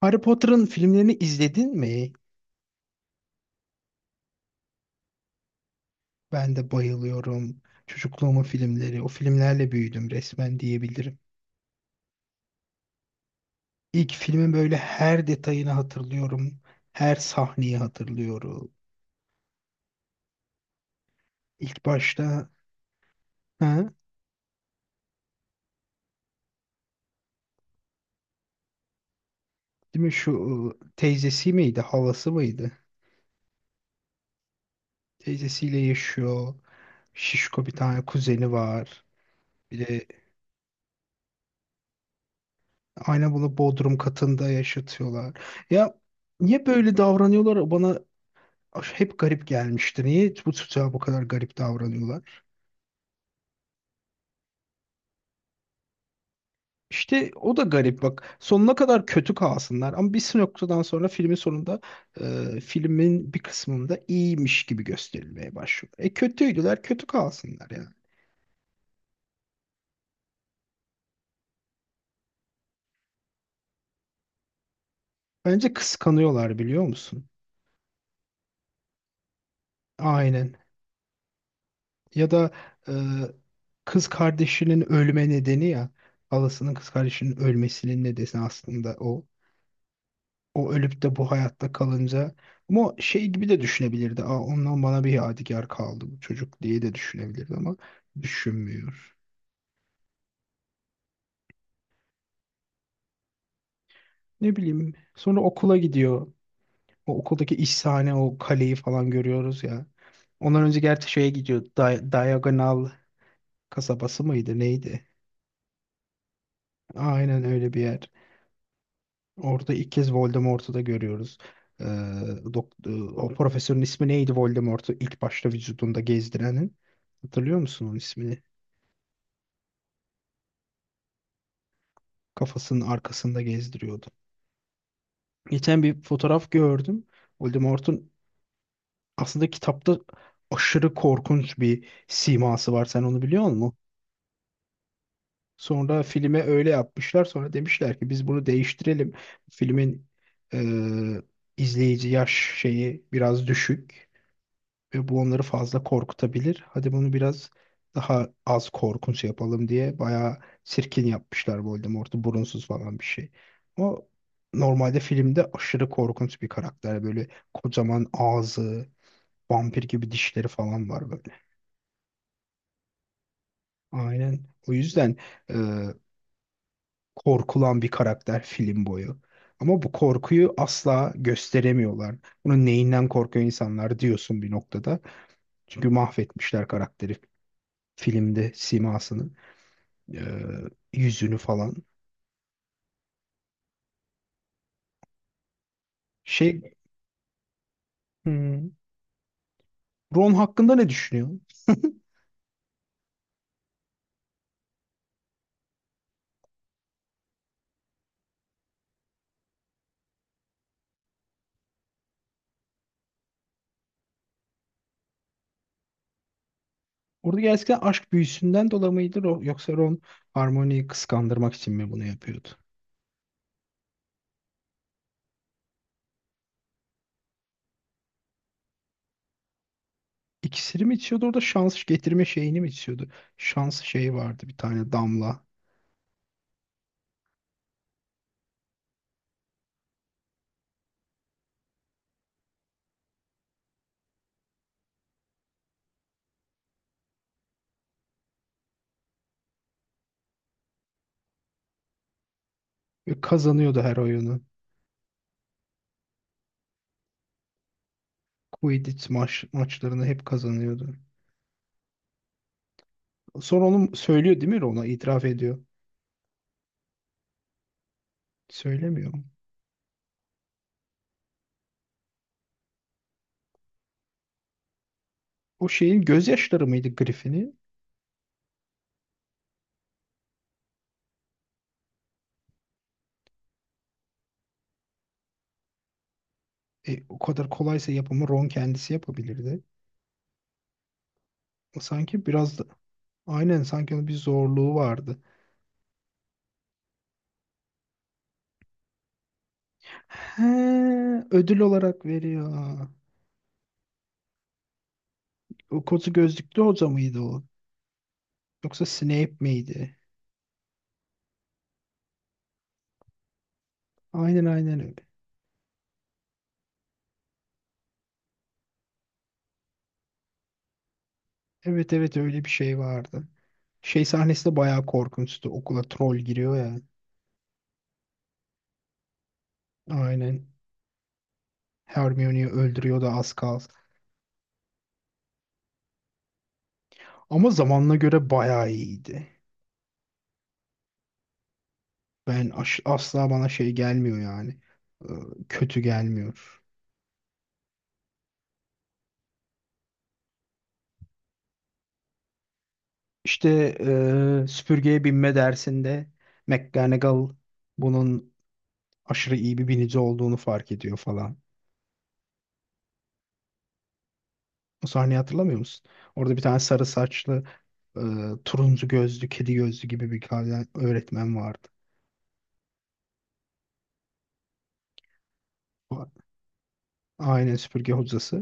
Harry Potter'ın filmlerini izledin mi? Ben de bayılıyorum. Çocukluğumun filmleri. O filmlerle büyüdüm resmen diyebilirim. İlk filmin böyle her detayını hatırlıyorum. Her sahneyi hatırlıyorum. İlk başta ha, değil mi şu teyzesi miydi? Halası mıydı? Teyzesiyle yaşıyor. Şişko bir tane kuzeni var. Bir de aynen bunu Bodrum katında yaşatıyorlar. Ya niye böyle davranıyorlar? Bana hep garip gelmişti. Niye bu çocuğa bu kadar garip davranıyorlar? İşte o da garip bak. Sonuna kadar kötü kalsınlar ama bir noktadan sonra filmin sonunda filmin bir kısmında iyiymiş gibi gösterilmeye başlıyor. E kötüydüler, kötü kalsınlar yani. Bence kıskanıyorlar biliyor musun? Aynen. Ya da e, kız kardeşinin ölme nedeni ya halasının kız kardeşinin ölmesinin nedeni aslında o. O ölüp de bu hayatta kalınca ama o şey gibi de düşünebilirdi. Aa, ondan bana bir yadigar kaldı bu çocuk diye de düşünebilirdi ama düşünmüyor. Ne bileyim. Sonra okula gidiyor. O okuldaki iş sahne, o kaleyi falan görüyoruz ya. Ondan önce gerçi şeye gidiyor. Diagonal kasabası mıydı neydi? Aynen öyle bir yer. Orada ilk kez Voldemort'u da görüyoruz. Ee, dok- e, O profesörün ismi neydi Voldemort'u ilk başta vücudunda gezdirenin? Hatırlıyor musun onun ismini? Kafasının arkasında gezdiriyordu. Geçen bir fotoğraf gördüm. Voldemort'un aslında kitapta aşırı korkunç bir siması var. Sen onu biliyor musun? Sonra filme öyle yapmışlar. Sonra demişler ki biz bunu değiştirelim. Filmin e, izleyici yaş şeyi biraz düşük. Ve bu onları fazla korkutabilir. Hadi bunu biraz daha az korkunç yapalım diye bayağı sirkin yapmışlar Voldemort'u burunsuz falan bir şey. O normalde filmde aşırı korkunç bir karakter. Böyle kocaman ağzı, vampir gibi dişleri falan var böyle. Aynen. O yüzden e, korkulan bir karakter film boyu. Ama bu korkuyu asla gösteremiyorlar. Bunun neyinden korkuyor insanlar diyorsun bir noktada. Çünkü mahvetmişler karakteri filmde simasını. Ee, Yüzünü falan. Şey hmm, Ron hakkında ne düşünüyorsun? Orada gerçekten aşk büyüsünden dolayı mıydı yoksa Ron Harmony'yi kıskandırmak için mi bunu yapıyordu? İkisini mi içiyordu orada şans getirme şeyini mi içiyordu? Şans şeyi vardı bir tane damla. Ve kazanıyordu her oyunu. Quidditch maçlarını hep kazanıyordu. Sonra onu söylüyor değil mi Ron'a? İtiraf ediyor. Söylemiyor. O şeyin gözyaşları mıydı Griffin'i? E, o kadar kolaysa yapımı Ron kendisi yapabilirdi. Sanki biraz da aynen sanki onun bir zorluğu vardı. He, ödül olarak veriyor. O kozu gözlüklü hoca mıydı o? Yoksa Snape miydi? Aynen öyle. Evet evet öyle bir şey vardı. Şey sahnesi de bayağı korkunçtu. Okula troll giriyor ya. Aynen. Hermione'yi öldürüyor da az kalsın. Ama zamanına göre bayağı iyiydi. Ben asla bana şey gelmiyor yani. Ee, Kötü gelmiyor. İşte süpürgeye binme dersinde McGonagall bunun aşırı iyi bir binici olduğunu fark ediyor falan. O sahneyi hatırlamıyor musun? Orada bir tane sarı saçlı, eee, turuncu gözlü, kedi gözlü gibi bir tane öğretmen vardı. Aynen süpürge hocası.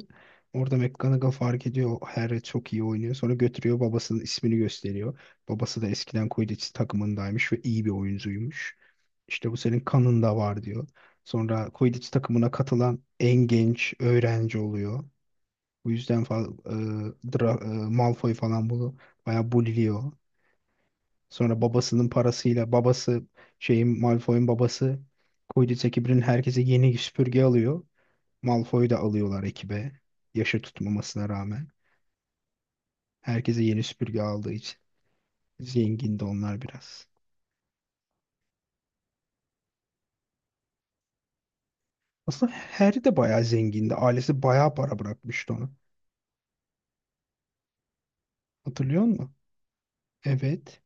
Orada McGonagall fark ediyor. Harry çok iyi oynuyor. Sonra götürüyor babasının ismini gösteriyor. Babası da eskiden Quidditch takımındaymış ve iyi bir oyuncuymuş. İşte bu senin kanında var diyor. Sonra Quidditch takımına katılan en genç öğrenci oluyor. Bu yüzden Malfoy falan bunu bayağı bulliyor. Sonra babasının parasıyla babası şeyin Malfoy'un babası Quidditch ekibinin herkese yeni süpürge alıyor. Malfoy'u da alıyorlar ekibe. Yaşı tutmamasına rağmen. Herkese yeni süpürge aldığı için. Zengindi onlar biraz. Aslında Harry de bayağı zengindi. Ailesi bayağı para bırakmıştı ona. Hatırlıyor musun? Evet.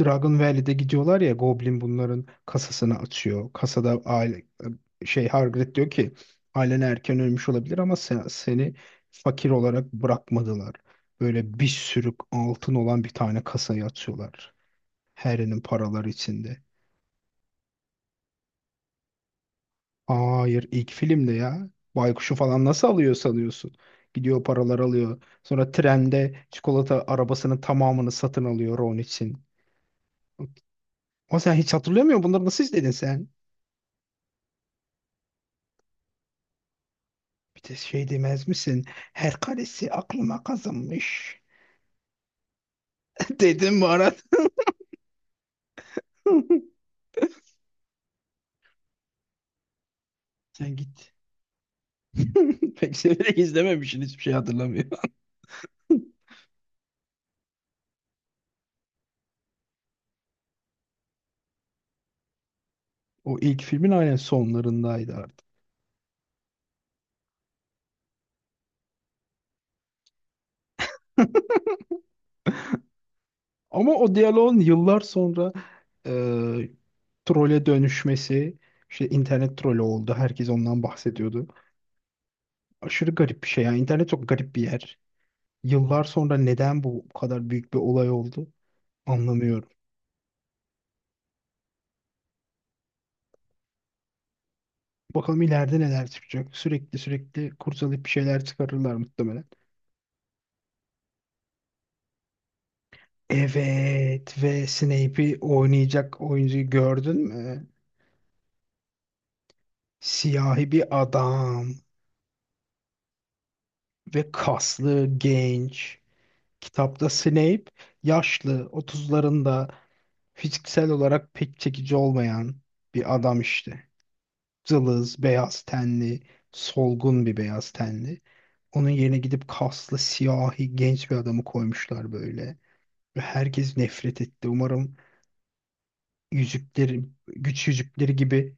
Dragon Valley'de gidiyorlar ya Goblin bunların kasasını açıyor. Kasada aile şey Hagrid diyor ki ailen erken ölmüş olabilir ama seni fakir olarak bırakmadılar. Böyle bir sürü altın olan bir tane kasayı açıyorlar. Harry'nin paraları içinde. Hayır ilk filmde ya. Baykuş'u falan nasıl alıyor sanıyorsun? Gidiyor paralar alıyor. Sonra trende çikolata arabasının tamamını satın alıyor Ron için. O sen hiç hatırlıyor musun? Bunları nasıl izledin sen? Bir de şey demez misin? Her karesi aklıma kazınmış. Dedim Barat. Sen git. Pek severek izlememişsin hiçbir şey hatırlamıyor. O ilk filmin aynen sonlarındaydı artık. Ama o diyaloğun yıllar sonra trole dönüşmesi işte internet trolü oldu. Herkes ondan bahsediyordu. Aşırı garip bir şey ya. İnternet çok garip bir yer. Yıllar sonra neden bu kadar büyük bir olay oldu anlamıyorum. Bakalım ileride neler çıkacak. Sürekli kurcalayıp bir şeyler çıkarırlar muhtemelen. Evet ve Snape'i oynayacak oyuncuyu gördün mü? Siyahi bir adam ve kaslı, genç. Kitapta Snape yaşlı, otuzlarında. Fiziksel olarak pek çekici olmayan bir adam işte. Cılız, beyaz tenli, solgun bir beyaz tenli. Onun yerine gidip kaslı, siyahi, genç bir adamı koymuşlar böyle. Ve herkes nefret etti. Umarım yüzükleri, güç yüzükleri gibi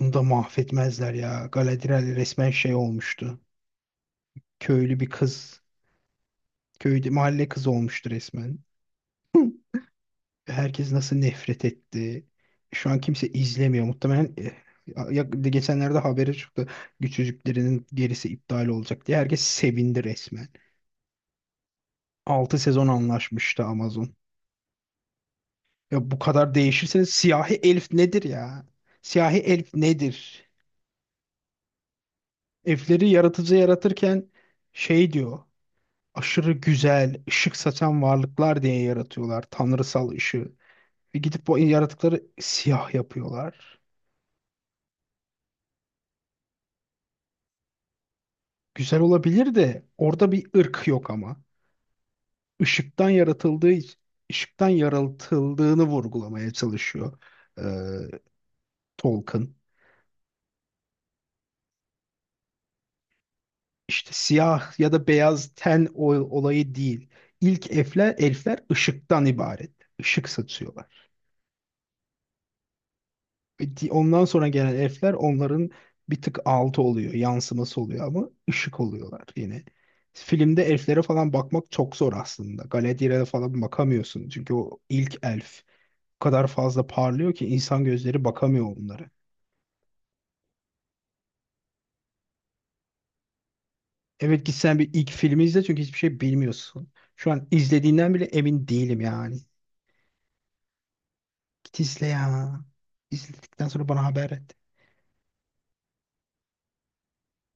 bunu da mahvetmezler ya. Galadriel resmen şey olmuştu. Köylü bir kız, köyde mahalle kızı olmuştu resmen. Herkes nasıl nefret etti. Şu an kimse izlemiyor. Muhtemelen ya, geçenlerde haberi çıktı. Güç Yüzüklerinin gerisi iptal olacak diye. Herkes sevindi resmen. 6 sezon anlaşmıştı Amazon. Ya bu kadar değişirseniz siyahi elf nedir ya? Siyahi elf nedir? Elfleri yaratıcı yaratırken şey diyor. Aşırı güzel, ışık saçan varlıklar diye yaratıyorlar. Tanrısal ışığı. Ve gidip bu yaratıkları siyah yapıyorlar. Güzel olabilir de orada bir ırk yok ama. Işıktan yaratıldığı iç- ışıktan yaratıldığını vurgulamaya çalışıyor e, Tolkien. İşte siyah ya da beyaz olayı değil. İlk elfler, elfler ışıktan ibaret. Işık satıyorlar. Ve ondan sonra gelen elfler onların bir tık altı oluyor, yansıması oluyor ama ışık oluyorlar yine. Filmde elflere falan bakmak çok zor aslında. Galadriel'e falan bakamıyorsun çünkü o ilk elf. O kadar fazla parlıyor ki insan gözleri bakamıyor onlara. Evet git sen bir ilk filmi izle çünkü hiçbir şey bilmiyorsun. Şu an izlediğinden bile emin değilim yani. Git izle ya. İzledikten sonra bana haber et.